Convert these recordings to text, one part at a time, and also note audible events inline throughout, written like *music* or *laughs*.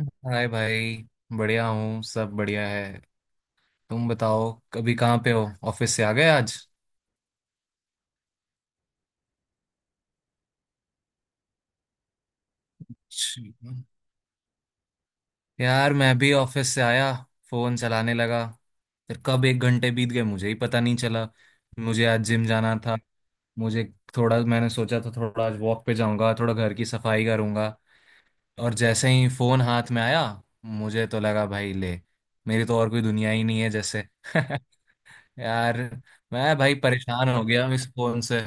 हाय भाई। बढ़िया हूँ, सब बढ़िया है। तुम बताओ, कभी कहाँ पे हो? ऑफिस से आ गए आज? जी। यार, मैं भी ऑफिस से आया, फोन चलाने लगा, फिर कब एक घंटे बीत गए मुझे ही पता नहीं चला। मुझे आज जिम जाना था। मुझे थोड़ा मैंने सोचा था, थोड़ा आज वॉक पे जाऊंगा, थोड़ा घर की सफाई करूंगा। और जैसे ही फोन हाथ में आया, मुझे तो लगा भाई ले, मेरी तो और कोई दुनिया ही नहीं है जैसे। *laughs* यार, मैं भाई परेशान हो गया इस फोन से।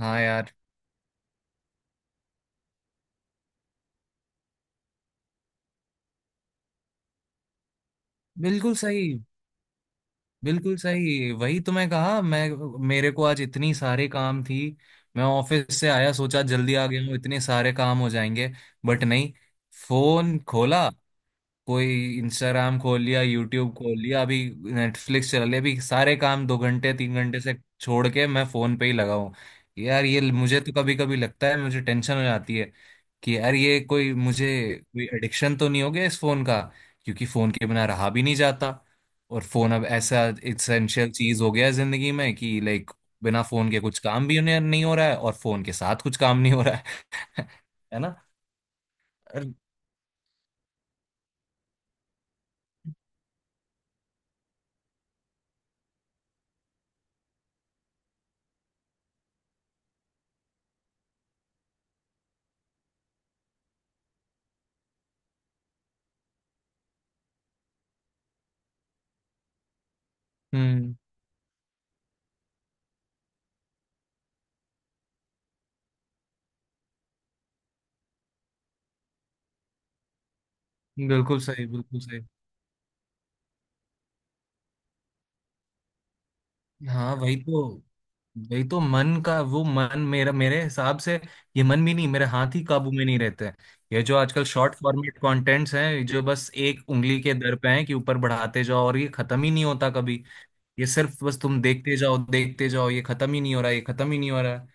हाँ यार। बिल्कुल सही, बिल्कुल सही, वही तो मैं कहा। मैं मेरे को आज इतनी सारे काम थी। मैं ऑफिस से आया, सोचा जल्दी आ गया हूँ, इतने सारे काम हो जाएंगे। बट नहीं। फोन खोला, कोई इंस्टाग्राम खोल लिया, यूट्यूब खोल लिया, अभी नेटफ्लिक्स चला लिया, अभी सारे काम 2 घंटे 3 घंटे से छोड़ के मैं फोन पे ही लगा हूँ। यार, ये मुझे तो कभी कभी लगता है, मुझे टेंशन हो जाती है कि यार, ये कोई एडिक्शन तो नहीं हो गया इस फोन का। क्योंकि फोन के बिना रहा भी नहीं जाता, और फोन अब ऐसा इसेंशियल चीज हो गया है जिंदगी में, कि लाइक बिना फोन के कुछ काम भी नहीं नहीं हो रहा है, और फोन के साथ कुछ काम नहीं हो रहा है। *laughs* है ना? और- हम्म। बिल्कुल सही, बिल्कुल सही। हाँ, वही तो मन का, वो मन मेरा, मेरे हिसाब से ये मन भी नहीं, मेरे हाथ ही काबू में नहीं रहते हैं। ये जो आजकल शॉर्ट फॉर्मेट कंटेंट्स हैं, जो बस एक उंगली के दर पे हैं कि ऊपर बढ़ाते जाओ और ये खत्म ही नहीं होता कभी। ये सिर्फ बस तुम देखते जाओ, देखते जाओ, ये खत्म ही नहीं हो रहा, ये खत्म ही नहीं हो रहा।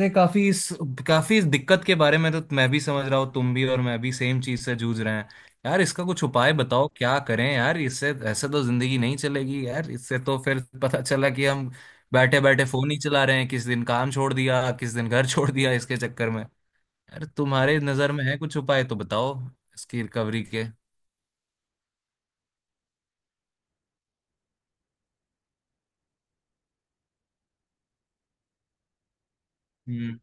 नहीं, काफी इस दिक्कत के बारे में तो मैं भी समझ रहा हूँ, तुम भी और मैं भी सेम चीज से जूझ रहे हैं। यार, इसका कुछ उपाय बताओ, क्या करें यार, इससे ऐसे तो जिंदगी नहीं चलेगी यार, इससे तो फिर पता चला कि हम बैठे बैठे फोन ही चला रहे हैं, किस दिन काम छोड़ दिया, किस दिन घर छोड़ दिया इसके चक्कर में। यार, तुम्हारे नजर में है कुछ उपाय तो बताओ इसकी रिकवरी के। हम्म।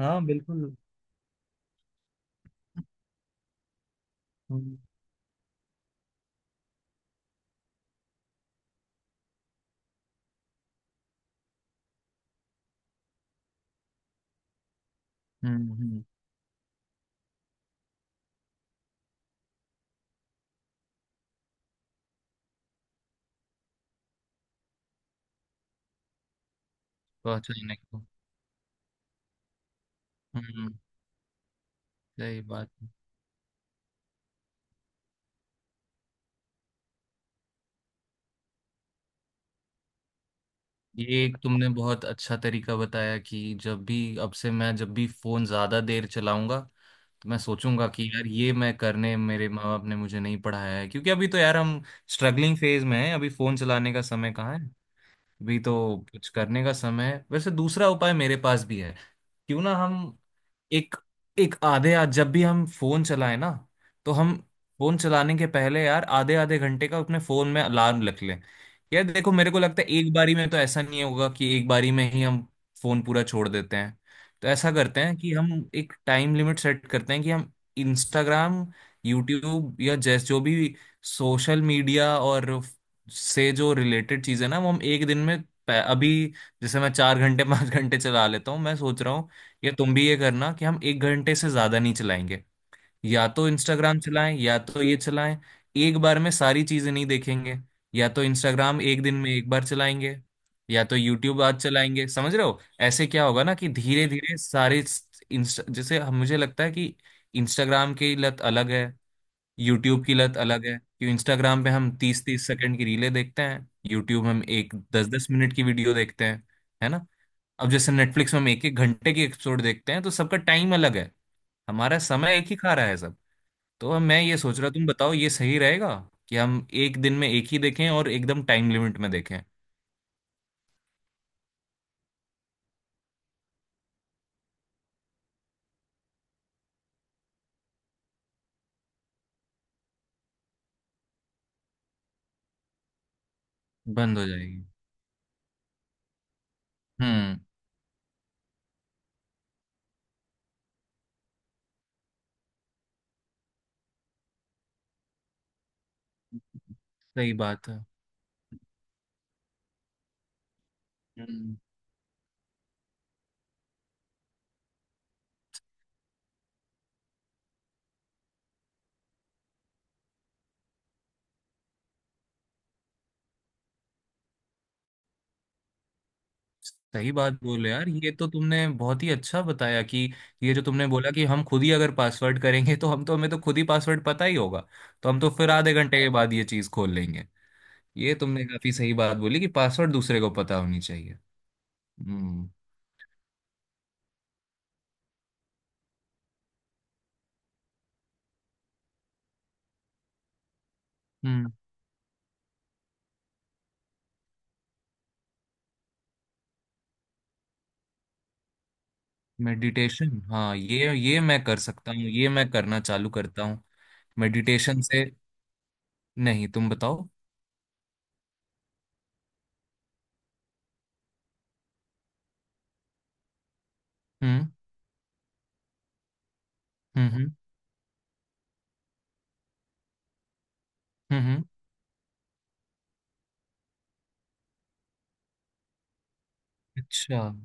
हाँ, बिल्कुल। हम्म। हम्म। हम्म। पहुंचाने को। हम्म। सही बात। ये एक तुमने बहुत अच्छा तरीका बताया कि जब भी अब से, मैं जब भी फोन ज्यादा देर चलाऊंगा, तो मैं सोचूंगा कि यार, ये मैं करने मेरे माँ बाप ने मुझे नहीं पढ़ाया है। क्योंकि अभी तो यार, हम स्ट्रगलिंग फेज में हैं, अभी फोन चलाने का समय कहाँ है। अभी तो कुछ करने का समय है। वैसे दूसरा उपाय मेरे पास भी है। क्यों ना हम एक एक आधे आ जब भी हम फोन चलाएं ना, तो हम फोन चलाने के पहले यार आधे आधे घंटे का अपने फोन में अलार्म रख लें। यार देखो, मेरे को लगता है एक बारी में तो ऐसा नहीं होगा कि एक बारी में ही हम फोन पूरा छोड़ देते हैं। तो ऐसा करते हैं कि हम एक टाइम लिमिट सेट करते हैं कि हम इंस्टाग्राम, यूट्यूब या जैस जो भी सोशल मीडिया, और से जो रिलेटेड चीज़ है ना, वो हम एक दिन में अभी, जैसे मैं 4 घंटे *laughs* 5 घंटे चला लेता हूँ, मैं सोच रहा हूँ या तुम भी ये करना कि हम एक घंटे से ज्यादा नहीं चलाएंगे। या तो इंस्टाग्राम चलाएं या तो ये चलाएं, एक बार में सारी चीजें नहीं देखेंगे। या तो इंस्टाग्राम एक दिन में एक बार चलाएंगे, या तो यूट्यूब आज चलाएंगे, समझ रहे हो? ऐसे क्या होगा ना कि धीरे धीरे सारे मुझे लगता है कि इंस्टाग्राम की लत अलग है, यूट्यूब की लत अलग है। कि इंस्टाग्राम पे हम 30-30 सेकंड की रीलें देखते हैं, यूट्यूब हम एक 10-10 मिनट की वीडियो देखते हैं। है ना? अब जैसे नेटफ्लिक्स में हम एक एक घंटे की एपिसोड देखते हैं, तो सबका टाइम अलग है। हमारा समय एक ही खा रहा है सब। तो अब मैं ये सोच रहा, तुम बताओ ये सही रहेगा कि हम एक दिन में एक ही देखें और एकदम टाइम लिमिट में देखें? बंद हो जाएगी। हम्म। सही बात है। हम्म। सही बात बोले यार, ये तो तुमने बहुत ही अच्छा बताया कि ये जो तुमने बोला कि हम खुद ही अगर पासवर्ड करेंगे, तो हम तो हमें तो खुद ही पासवर्ड पता ही होगा, तो हम तो फिर आधे घंटे के बाद ये चीज़ खोल लेंगे। ये तुमने काफी सही बात बोली कि पासवर्ड दूसरे को पता होनी चाहिए। हम्म। हम्म। मेडिटेशन, हाँ, ये मैं कर सकता हूँ, ये मैं करना चालू करता हूँ। मेडिटेशन से? नहीं, तुम बताओ। हम्म। हम्म। हम्म। हम्म। हम्म। अच्छा। हम्म।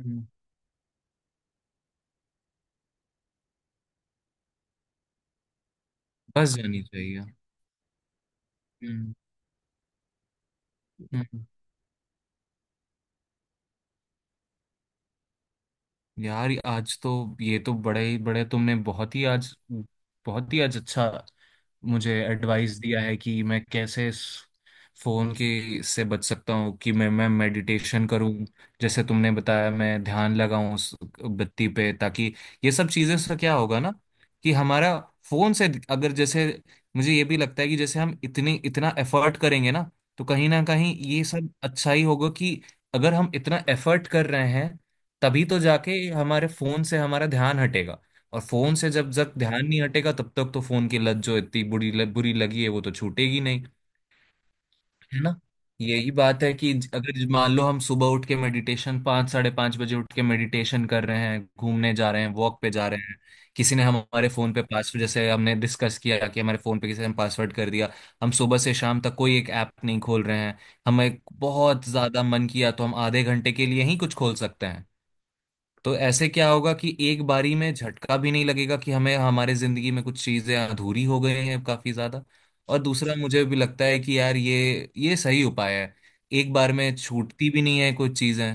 हम्म। बस जानी चाहिए। हम्म। हम्म। यार आज तो, ये तो बड़े ही बड़े तुमने बहुत ही आज, बहुत ही आज अच्छा मुझे एडवाइस दिया है कि मैं कैसे इस फोन की से बच सकता हूँ, कि मैं मेडिटेशन करूँ, जैसे तुमने बताया मैं ध्यान लगाऊं उस बत्ती पे, ताकि ये सब चीज़ें से क्या होगा ना कि हमारा फोन से अगर, जैसे मुझे ये भी लगता है कि जैसे हम इतनी इतना एफर्ट करेंगे ना, तो कहीं ना कहीं ये सब अच्छा ही होगा कि अगर हम इतना एफर्ट कर रहे हैं, तभी तो जाके हमारे फोन से हमारा ध्यान हटेगा। और फोन से जब तक ध्यान नहीं हटेगा, तब तक तो फोन की लत जो इतनी बुरी लगी है, वो तो छूटेगी नहीं। है ना? यही बात है कि अगर मान लो हम सुबह उठ के मेडिटेशन, 5, 5:30 बजे उठ के मेडिटेशन कर रहे हैं, घूमने जा रहे हैं, वॉक पे जा रहे हैं, किसी ने हमारे फोन पे पासवर्ड, जैसे हमने डिस्कस किया कि हमारे फोन पे किसी ने पासवर्ड कर दिया, हम सुबह से शाम तक कोई एक ऐप नहीं खोल रहे हैं, हमें बहुत ज्यादा मन किया तो हम आधे घंटे के लिए ही कुछ खोल सकते हैं। तो ऐसे क्या होगा कि एक बारी में झटका भी नहीं लगेगा कि हमें हमारे जिंदगी में कुछ चीजें अधूरी हो गई हैं काफी ज्यादा। और दूसरा मुझे भी लगता है कि यार, ये सही उपाय है। एक बार में छूटती भी नहीं है कुछ चीजें,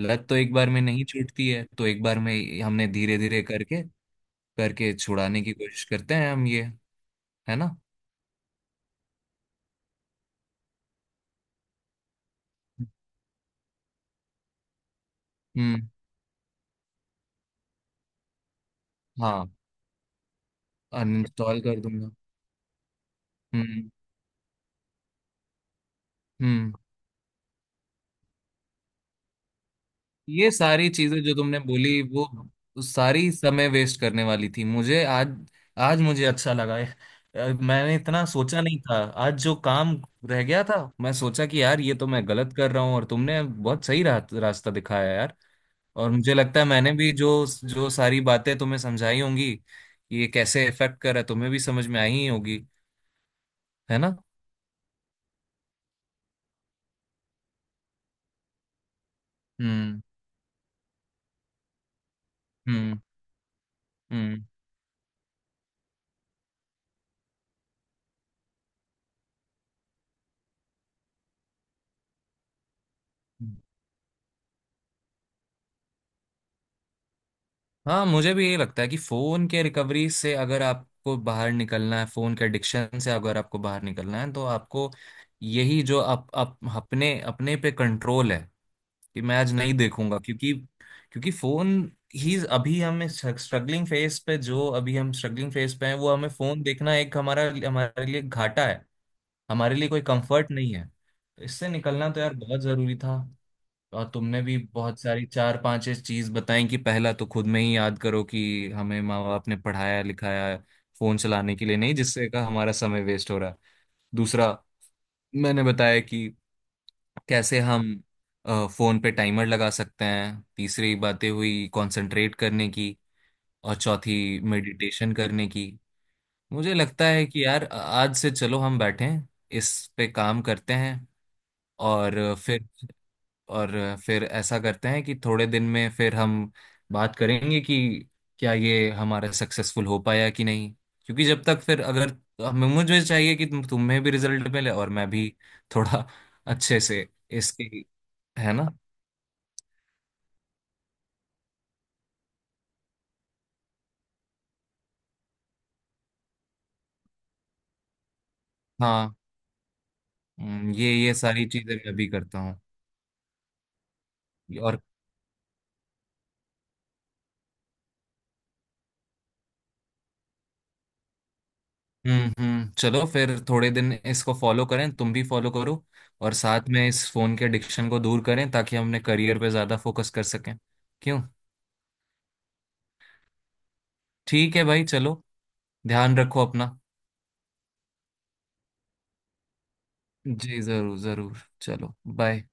लत तो एक बार में नहीं छूटती है, तो एक बार में हमने धीरे धीरे करके करके छुड़ाने की कोशिश करते हैं हम ये। है ना? हम्म। हाँ। अनइंस्टॉल कर दूंगा। हम्म। हम्म। ये सारी चीजें जो तुमने बोली वो सारी समय वेस्ट करने वाली थी, मुझे आज आज मुझे अच्छा लगा है। मैंने इतना सोचा नहीं था। आज जो काम रह गया था, मैं सोचा कि यार ये तो मैं गलत कर रहा हूँ, और तुमने बहुत सही रास्ता दिखाया यार। और मुझे लगता है मैंने भी जो जो सारी बातें तुम्हें समझाई होंगी कि ये कैसे इफेक्ट कर रहा है, तुम्हें भी समझ में आई ही होगी। है ना? हम्म। हम्म। हम्म। हम्म। हाँ, मुझे भी ये लगता है कि फोन के रिकवरी से अगर आपको बाहर निकलना है, फोन के एडिक्शन से अगर आपको बाहर निकलना है, तो आपको यही, जो आप अपने अपने पे कंट्रोल है, कि मैं आज नहीं देखूंगा, क्योंकि क्योंकि फोन ही, अभी हम स्ट्रगलिंग फेज पे, जो अभी हम स्ट्रगलिंग फेज पे हैं, वो हमें फोन देखना एक हमारा हमारे लिए घाटा है, हमारे लिए कोई कंफर्ट नहीं है, तो इससे निकलना तो यार बहुत जरूरी था। और तुमने भी बहुत सारी 4-5 चीज बताई कि पहला तो खुद में ही याद करो कि हमें माँ बाप ने पढ़ाया लिखाया, फोन चलाने के लिए नहीं, जिससे का हमारा समय वेस्ट हो रहा है। दूसरा, मैंने बताया कि कैसे हम फोन पे टाइमर लगा सकते हैं। तीसरी बातें हुई कंसंट्रेट करने की, और चौथी मेडिटेशन करने की। मुझे लगता है कि यार आज से चलो हम बैठें, इस पे काम करते हैं। और फिर और फिर ऐसा करते हैं कि थोड़े दिन में फिर हम बात करेंगे कि क्या ये हमारा सक्सेसफुल हो पाया कि नहीं। क्योंकि जब तक फिर अगर हमें मुझे चाहिए कि तुम्हें भी रिजल्ट मिले और मैं भी थोड़ा *laughs* अच्छे से इसकी। है ना? हाँ। ये सारी चीजें मैं भी करता हूँ। और हम्म। हम्म। चलो, फिर थोड़े दिन इसको फॉलो करें, तुम भी फॉलो करो, और साथ में इस फोन के एडिक्शन को दूर करें, ताकि हम अपने करियर पे ज्यादा फोकस कर सकें। क्यों? ठीक है भाई, चलो, ध्यान रखो अपना। जी, जरूर जरूर, चलो। बाय।